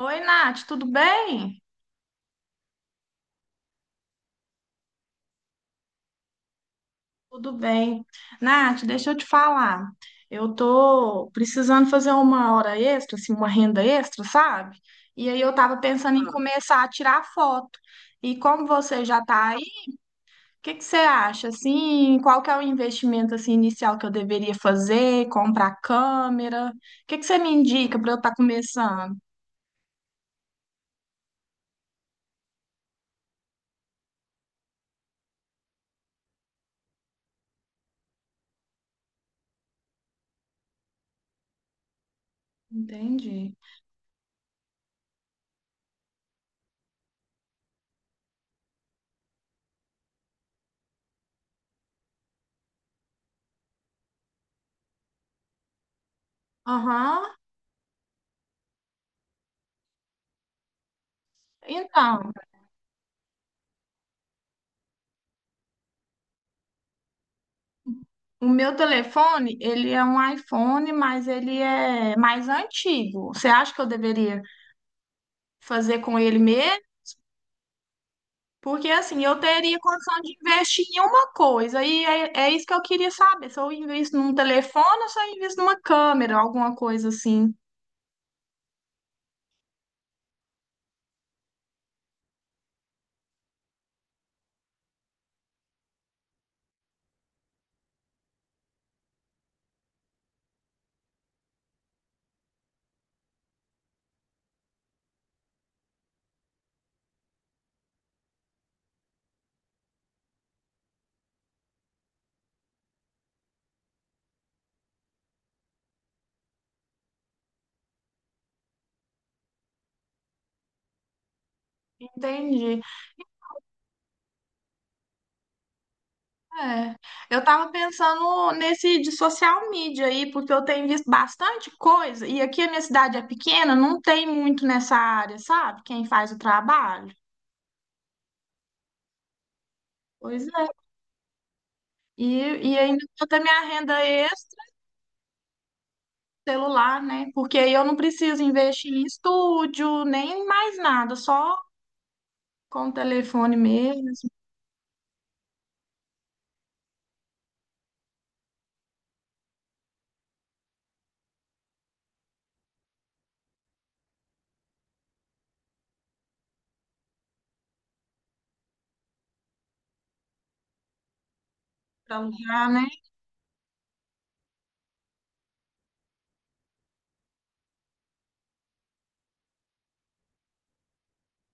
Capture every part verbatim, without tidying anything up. Oi, Nath, tudo bem? Tudo bem. Nath, deixa eu te falar. Eu tô precisando fazer uma hora extra, assim, uma renda extra, sabe? E aí eu tava pensando em Ah. começar a tirar foto. E como você já tá aí, o que que você acha? Assim, qual que é o investimento assim inicial que eu deveria fazer? Comprar câmera? O que que você me indica para eu estar começando? Entendi. Aham. Então, o meu telefone, ele é um iPhone, mas ele é mais antigo. Você acha que eu deveria fazer com ele mesmo? Porque assim, eu teria condição de investir em uma coisa, e é, é isso que eu queria saber. Se eu invisto num telefone ou se eu invisto numa câmera, alguma coisa assim. Entendi. É. Eu tava pensando nesse de social media aí, porque eu tenho visto bastante coisa, e aqui a minha cidade é pequena, não tem muito nessa área, sabe? Quem faz o trabalho. Pois é. E, e ainda toda a minha renda ex-celular, né? Porque aí eu não preciso investir em estúdio, nem mais nada, só com o telefone mesmo, para alugar, né?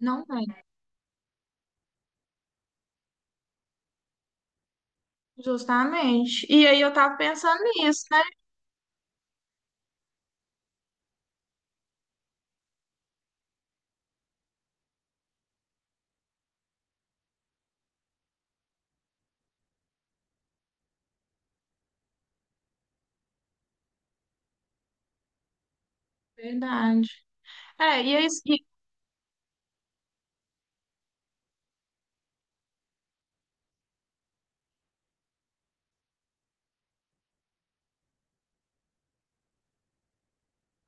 Não tem, justamente. E aí eu tava pensando nisso, né? Verdade. É, e aí, e,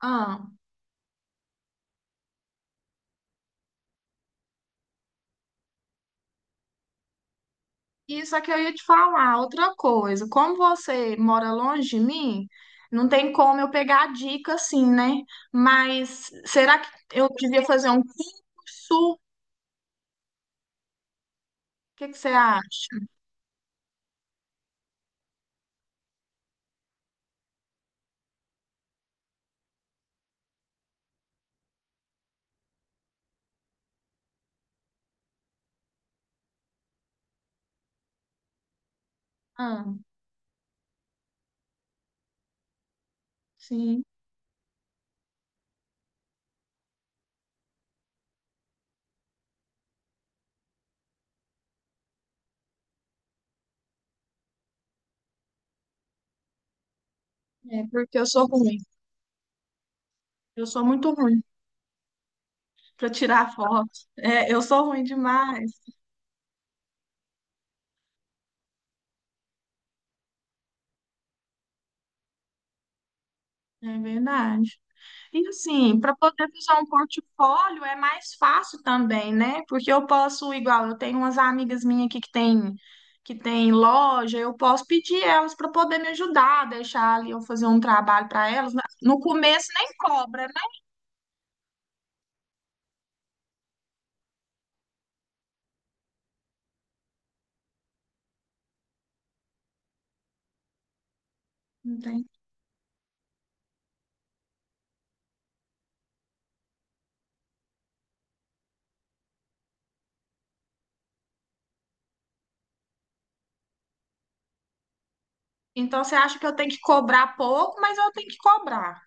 ah, isso é que eu ia te falar, outra coisa. Como você mora longe de mim, não tem como eu pegar a dica assim, né? Mas será que eu devia fazer um curso? O que que você acha? Ah, sim, é porque eu sou ruim. Eu sou muito ruim para tirar foto. É, eu sou ruim demais, é verdade. E assim, para poder usar um portfólio é mais fácil também, né? Porque eu posso, igual, eu tenho umas amigas minhas aqui que tem que tem loja, eu posso pedir elas para poder me ajudar, deixar ali eu fazer um trabalho para elas. No começo nem cobra, né? Não tem. Então você acha que eu tenho que cobrar pouco, mas eu tenho que cobrar.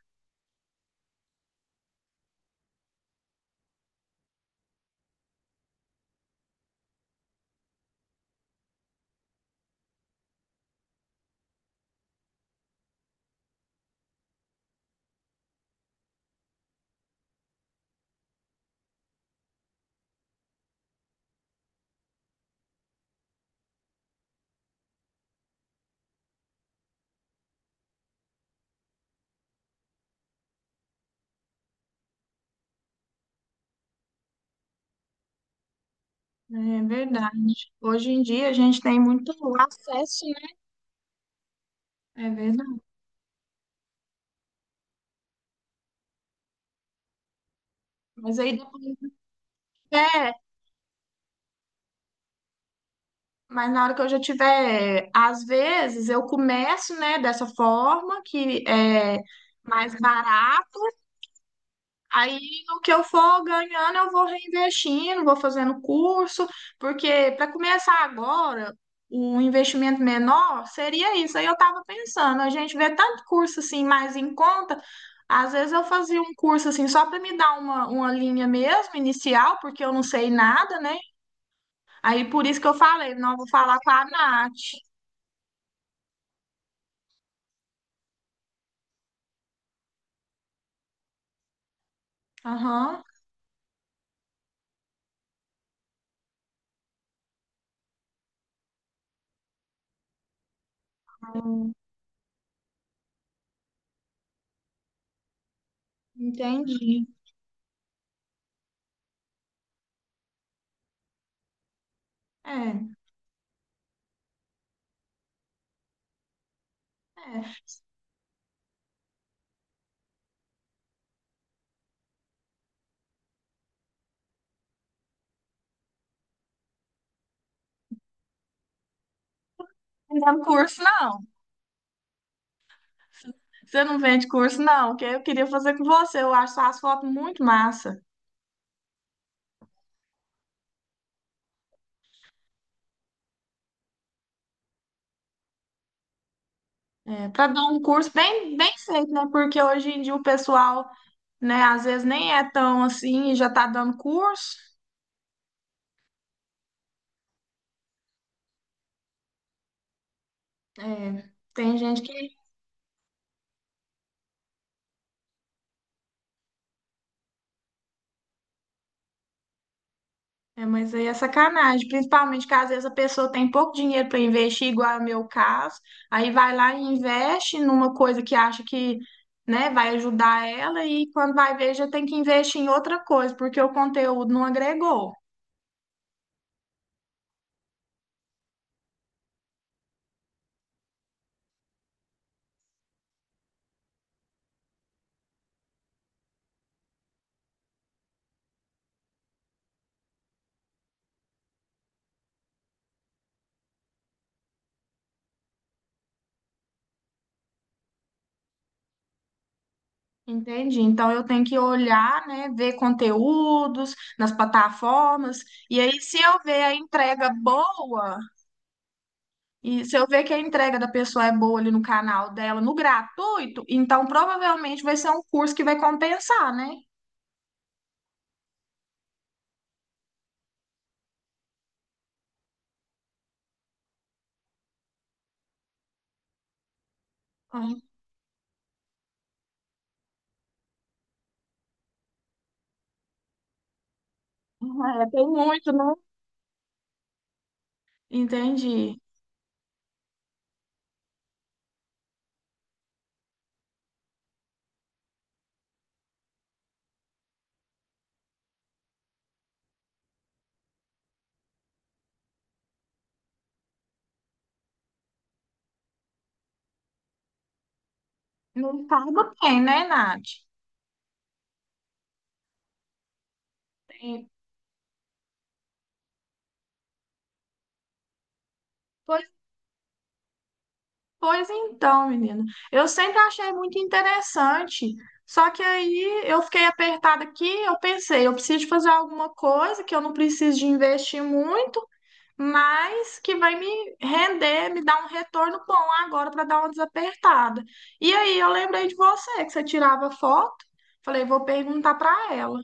É verdade. Hoje em dia a gente tem muito acesso, né? É verdade. Mas aí depois é, mas na hora que eu já tiver, às vezes eu começo, né, dessa forma que é mais barata. Aí, no que eu for ganhando, eu vou reinvestindo, vou fazendo curso, porque para começar agora, o investimento menor seria isso. Aí eu estava pensando, a gente vê tanto curso assim mais em conta, às vezes eu fazia um curso assim só para me dar uma, uma linha mesmo, inicial, porque eu não sei nada, né? Aí por isso que eu falei, não vou falar com a Nath. Aham, entendi. É, é. Não dá curso, não. Você não vende curso, não, que eu queria fazer com você. Eu acho as fotos muito massa. É, para dar um curso bem, bem feito, né? Porque hoje em dia o pessoal, né, às vezes nem é tão assim e já tá dando curso. É, tem gente que. É, mas aí é sacanagem. Principalmente que às vezes a pessoa tem pouco dinheiro para investir, igual é o meu caso. Aí vai lá e investe numa coisa que acha que. Né, vai ajudar ela e quando vai ver já tem que investir em outra coisa, porque o conteúdo não agregou. Entendi. Então eu tenho que olhar, né, ver conteúdos nas plataformas, e aí se eu ver a entrega boa, e se eu ver que a entrega da pessoa é boa ali no canal dela, no gratuito, então provavelmente vai ser um curso que vai compensar, né? Ai, é, tem muito, né? Entendi. Não pago bem, né, Nath? Tem. Pois Pois então, menina. Eu sempre achei muito interessante. Só que aí eu fiquei apertada aqui, eu pensei, eu preciso de fazer alguma coisa que eu não preciso de investir muito, mas que vai me render, me dar um retorno bom agora para dar uma desapertada. E aí eu lembrei de você, que você tirava foto. Falei, vou perguntar para ela.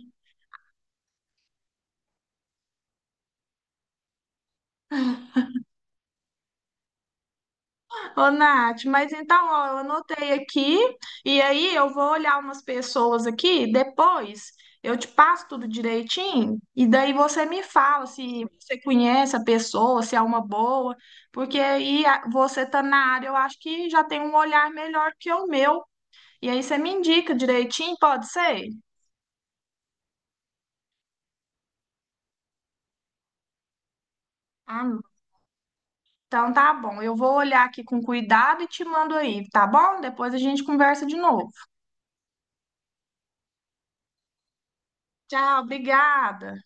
Ô, Nath, mas então, ó, eu anotei aqui, e aí eu vou olhar umas pessoas aqui, depois eu te passo tudo direitinho, e daí você me fala se você conhece a pessoa, se é uma boa, porque aí a- você tá na área, eu acho que já tem um olhar melhor que o meu, e aí você me indica direitinho, pode ser? Ah, então tá bom, eu vou olhar aqui com cuidado e te mando aí, tá bom? Depois a gente conversa de novo. Tchau, obrigada.